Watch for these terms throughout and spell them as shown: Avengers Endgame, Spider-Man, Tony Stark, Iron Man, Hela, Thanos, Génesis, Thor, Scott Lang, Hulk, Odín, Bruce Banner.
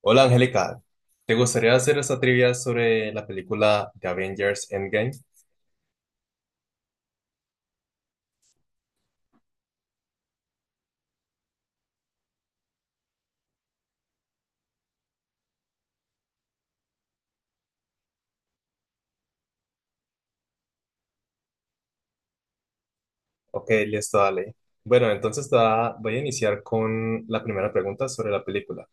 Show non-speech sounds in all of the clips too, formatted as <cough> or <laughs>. Hola Angélica, ¿te gustaría hacer esta trivia sobre la película de Avengers Endgame? Ok, listo, dale. Bueno, entonces voy a iniciar con la primera pregunta sobre la película.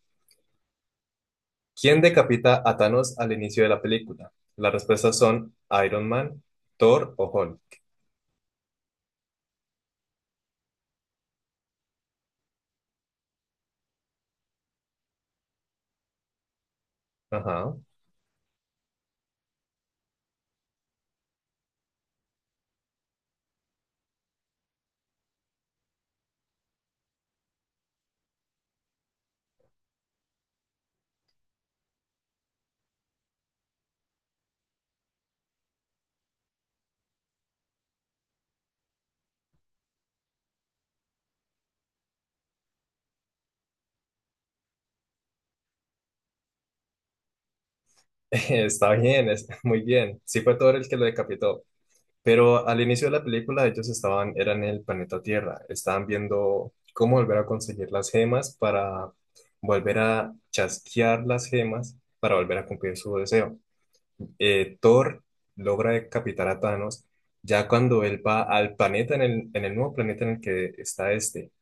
¿Quién decapita a Thanos al inicio de la película? Las respuestas son Iron Man, Thor o Hulk. Ajá. <laughs> Está bien, es muy bien. Sí fue Thor el que lo decapitó. Pero al inicio de la película ellos estaban, eran en el planeta Tierra, estaban viendo cómo volver a conseguir las gemas para volver a chasquear las gemas para volver a cumplir su deseo. Thor logra decapitar a Thanos ya cuando él va al planeta, en el nuevo planeta en el que está este.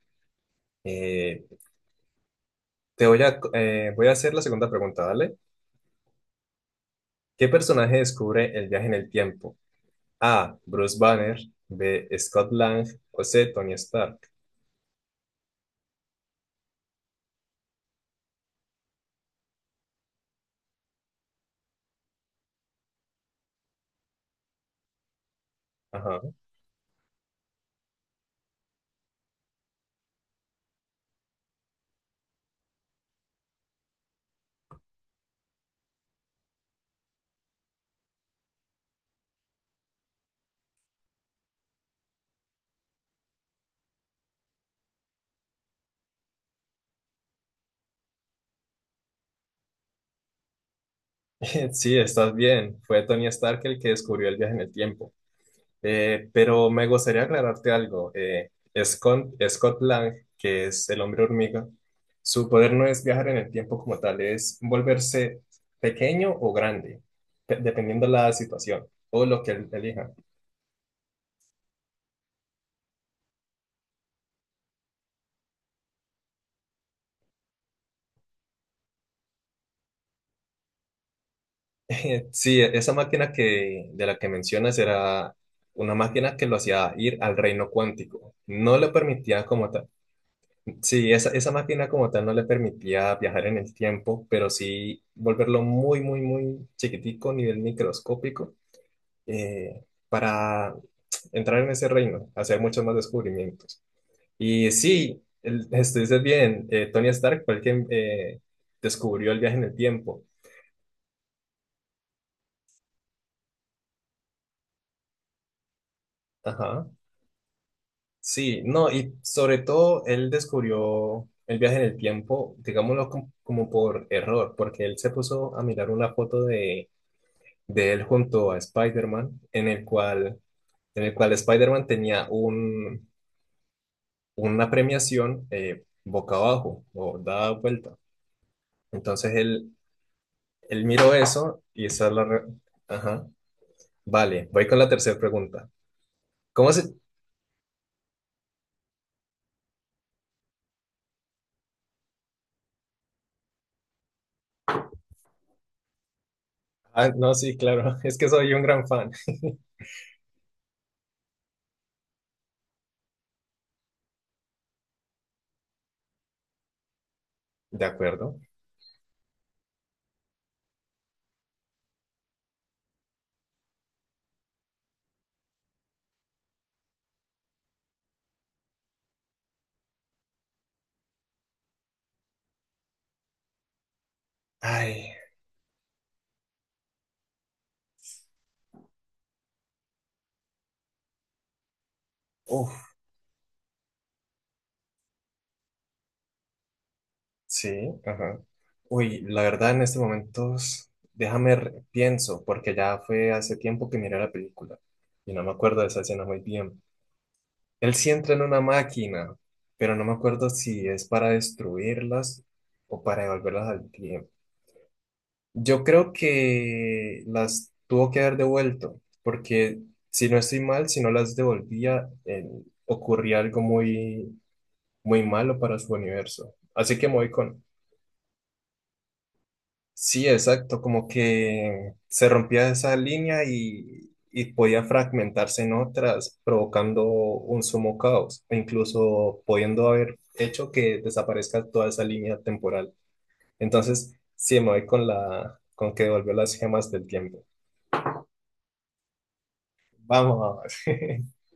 Eh, voy a hacer la segunda pregunta, ¿vale? ¿Qué personaje descubre el viaje en el tiempo? A. Bruce Banner, B. Scott Lang o C. Tony Stark. Ajá. <laughs> Sí, estás bien. Fue Tony Stark el que descubrió el viaje en el tiempo. Pero me gustaría aclararte algo. Scott Lang, que es el hombre hormiga, su poder no es viajar en el tiempo como tal, es volverse pequeño o grande, dependiendo la situación o lo que él elija. <laughs> Sí, esa máquina de la que mencionas era una máquina que lo hacía ir al reino cuántico. No le permitía como tal. Sí, esa máquina como tal no le permitía viajar en el tiempo, pero sí volverlo muy, muy, muy chiquitico, nivel microscópico, para entrar en ese reino, hacer muchos más descubrimientos. Y sí, estuviste bien, Tony Stark fue el que descubrió el viaje en el tiempo. Ajá. Sí, no, y sobre todo él descubrió el viaje en el tiempo, digámoslo como, como por error, porque él se puso a mirar una foto de él junto a Spider-Man, en el cual Spider-Man tenía una premiación boca abajo o dada vuelta. Entonces él, él miró eso y esa es Ajá. Vale, voy con la tercera pregunta. ¿Cómo se...? Ah, no, sí, claro, <laughs> es que soy un gran fan. De acuerdo. Ay, uff, sí, ajá. Uy, la verdad en este momento, déjame pienso, porque ya fue hace tiempo que miré la película y no me acuerdo de esa escena muy bien. Él sí entra en una máquina, pero no me acuerdo si es para destruirlas o para devolverlas al tiempo. Yo creo que las tuvo que haber devuelto, porque si no estoy mal, si no las devolvía, ocurría algo muy, muy malo para su universo. Así que me voy con... Sí, exacto, como que se rompía esa línea y podía fragmentarse en otras, provocando un sumo caos, e incluso pudiendo haber hecho que desaparezca toda esa línea temporal. Entonces, sí, me voy con con que devolvió las gemas del tiempo. Vamos. <laughs>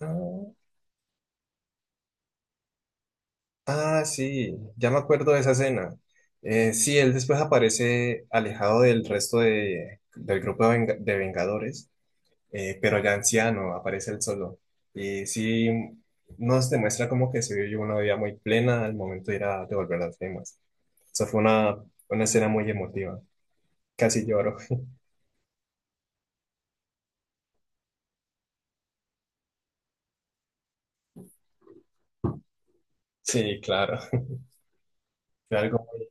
Ah, Ah, sí, ya me acuerdo de esa escena. Sí, él después aparece alejado del grupo de Vengadores, pero ya anciano, aparece él solo. Y sí, nos demuestra como que se vivió una vida muy plena al momento de ir a devolver las gemas. Eso fue una escena muy emotiva. Casi lloro. <laughs> Sí, claro. Fue algo muy...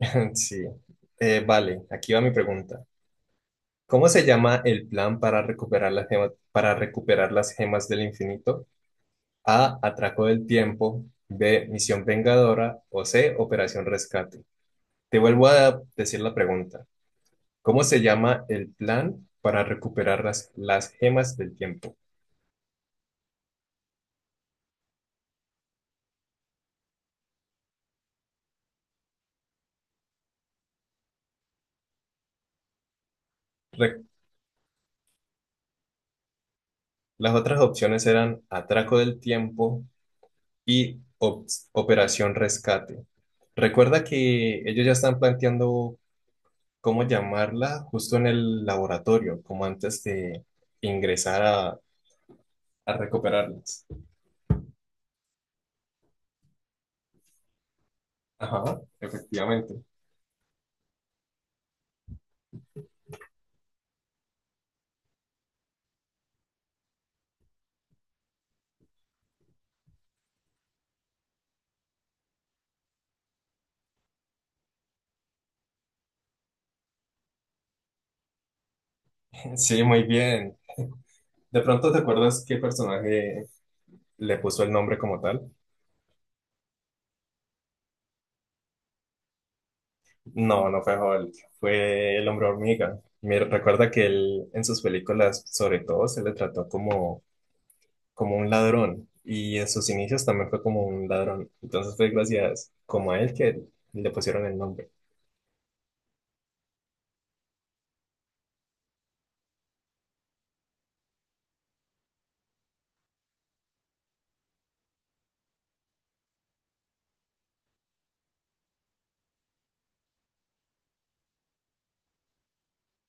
<laughs> Sí. Vale, aquí va mi pregunta. ¿Cómo se llama el plan para recuperar las gemas, para recuperar las gemas del infinito? A. Atraco del tiempo. B. Misión Vengadora. O C. Operación Rescate. Te vuelvo a decir la pregunta. ¿Cómo se llama el plan para recuperar las gemas del tiempo? Re- las otras opciones eran Atraco del tiempo y Operación Rescate. Recuerda que ellos ya están planteando cómo llamarla justo en el laboratorio, como antes de ingresar a recuperarlas. Ajá, efectivamente. <laughs> Sí, muy bien. ¿De pronto te acuerdas qué personaje le puso el nombre como tal? No fue Hulk, fue el hombre hormiga. Me recuerda que él en sus películas, sobre todo, se le trató como, como un ladrón y en sus inicios también fue como un ladrón. Entonces fue gracias como a él que le pusieron el nombre.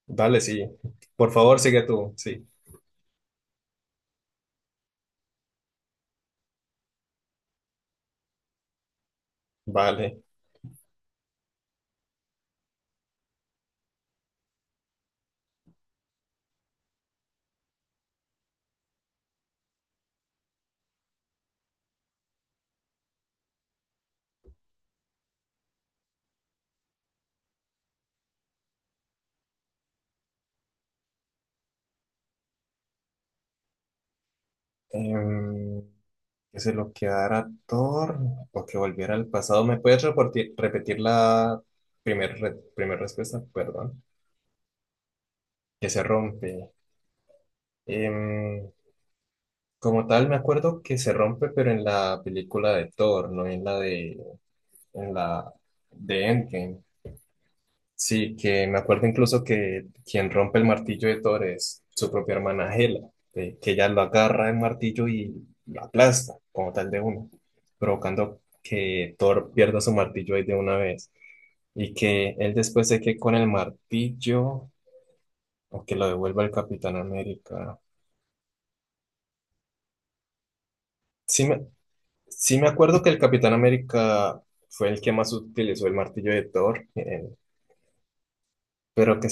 Dale, sí. Por favor, sigue tú, sí. Vale. em, que se lo quedara Thor o que volviera al pasado. ¿Me puedes repetir la primera primera respuesta? Perdón. Que se rompe. Em, Como tal, me acuerdo que se rompe, pero en la película de Thor, no en en la de Endgame. Sí, que me acuerdo incluso que quien rompe el martillo de Thor es su propia hermana Hela, que ella lo agarra el martillo y lo aplasta como tal de uno, provocando que Thor pierda su martillo ahí de una vez y que él después se quede con el martillo o que lo devuelva el Capitán América. Sí me, sí me acuerdo que el Capitán América fue el que más utilizó el martillo de Thor, pero que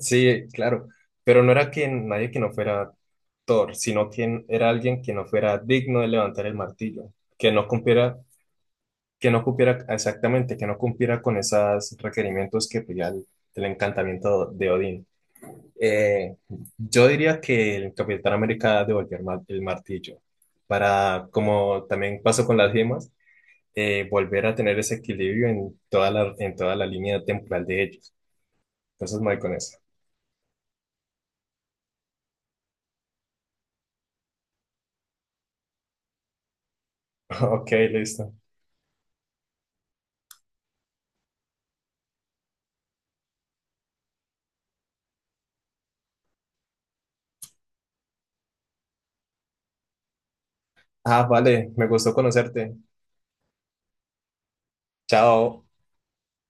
Sí, claro, pero no era que nadie que no fuera Thor, sino quien era alguien que no fuera digno de levantar el martillo, que no cumpliera, que no cumpliera exactamente, que no cumpliera con esos requerimientos que pedía el encantamiento de Odín. Eh, yo diría que el Capitán América devolvió el martillo para, como también pasó con las gemas, volver a tener ese equilibrio en toda en toda la línea temporal de ellos. Entonces me voy con eso. <laughs> Ok, listo. Ah, vale, me gustó conocerte. Chao.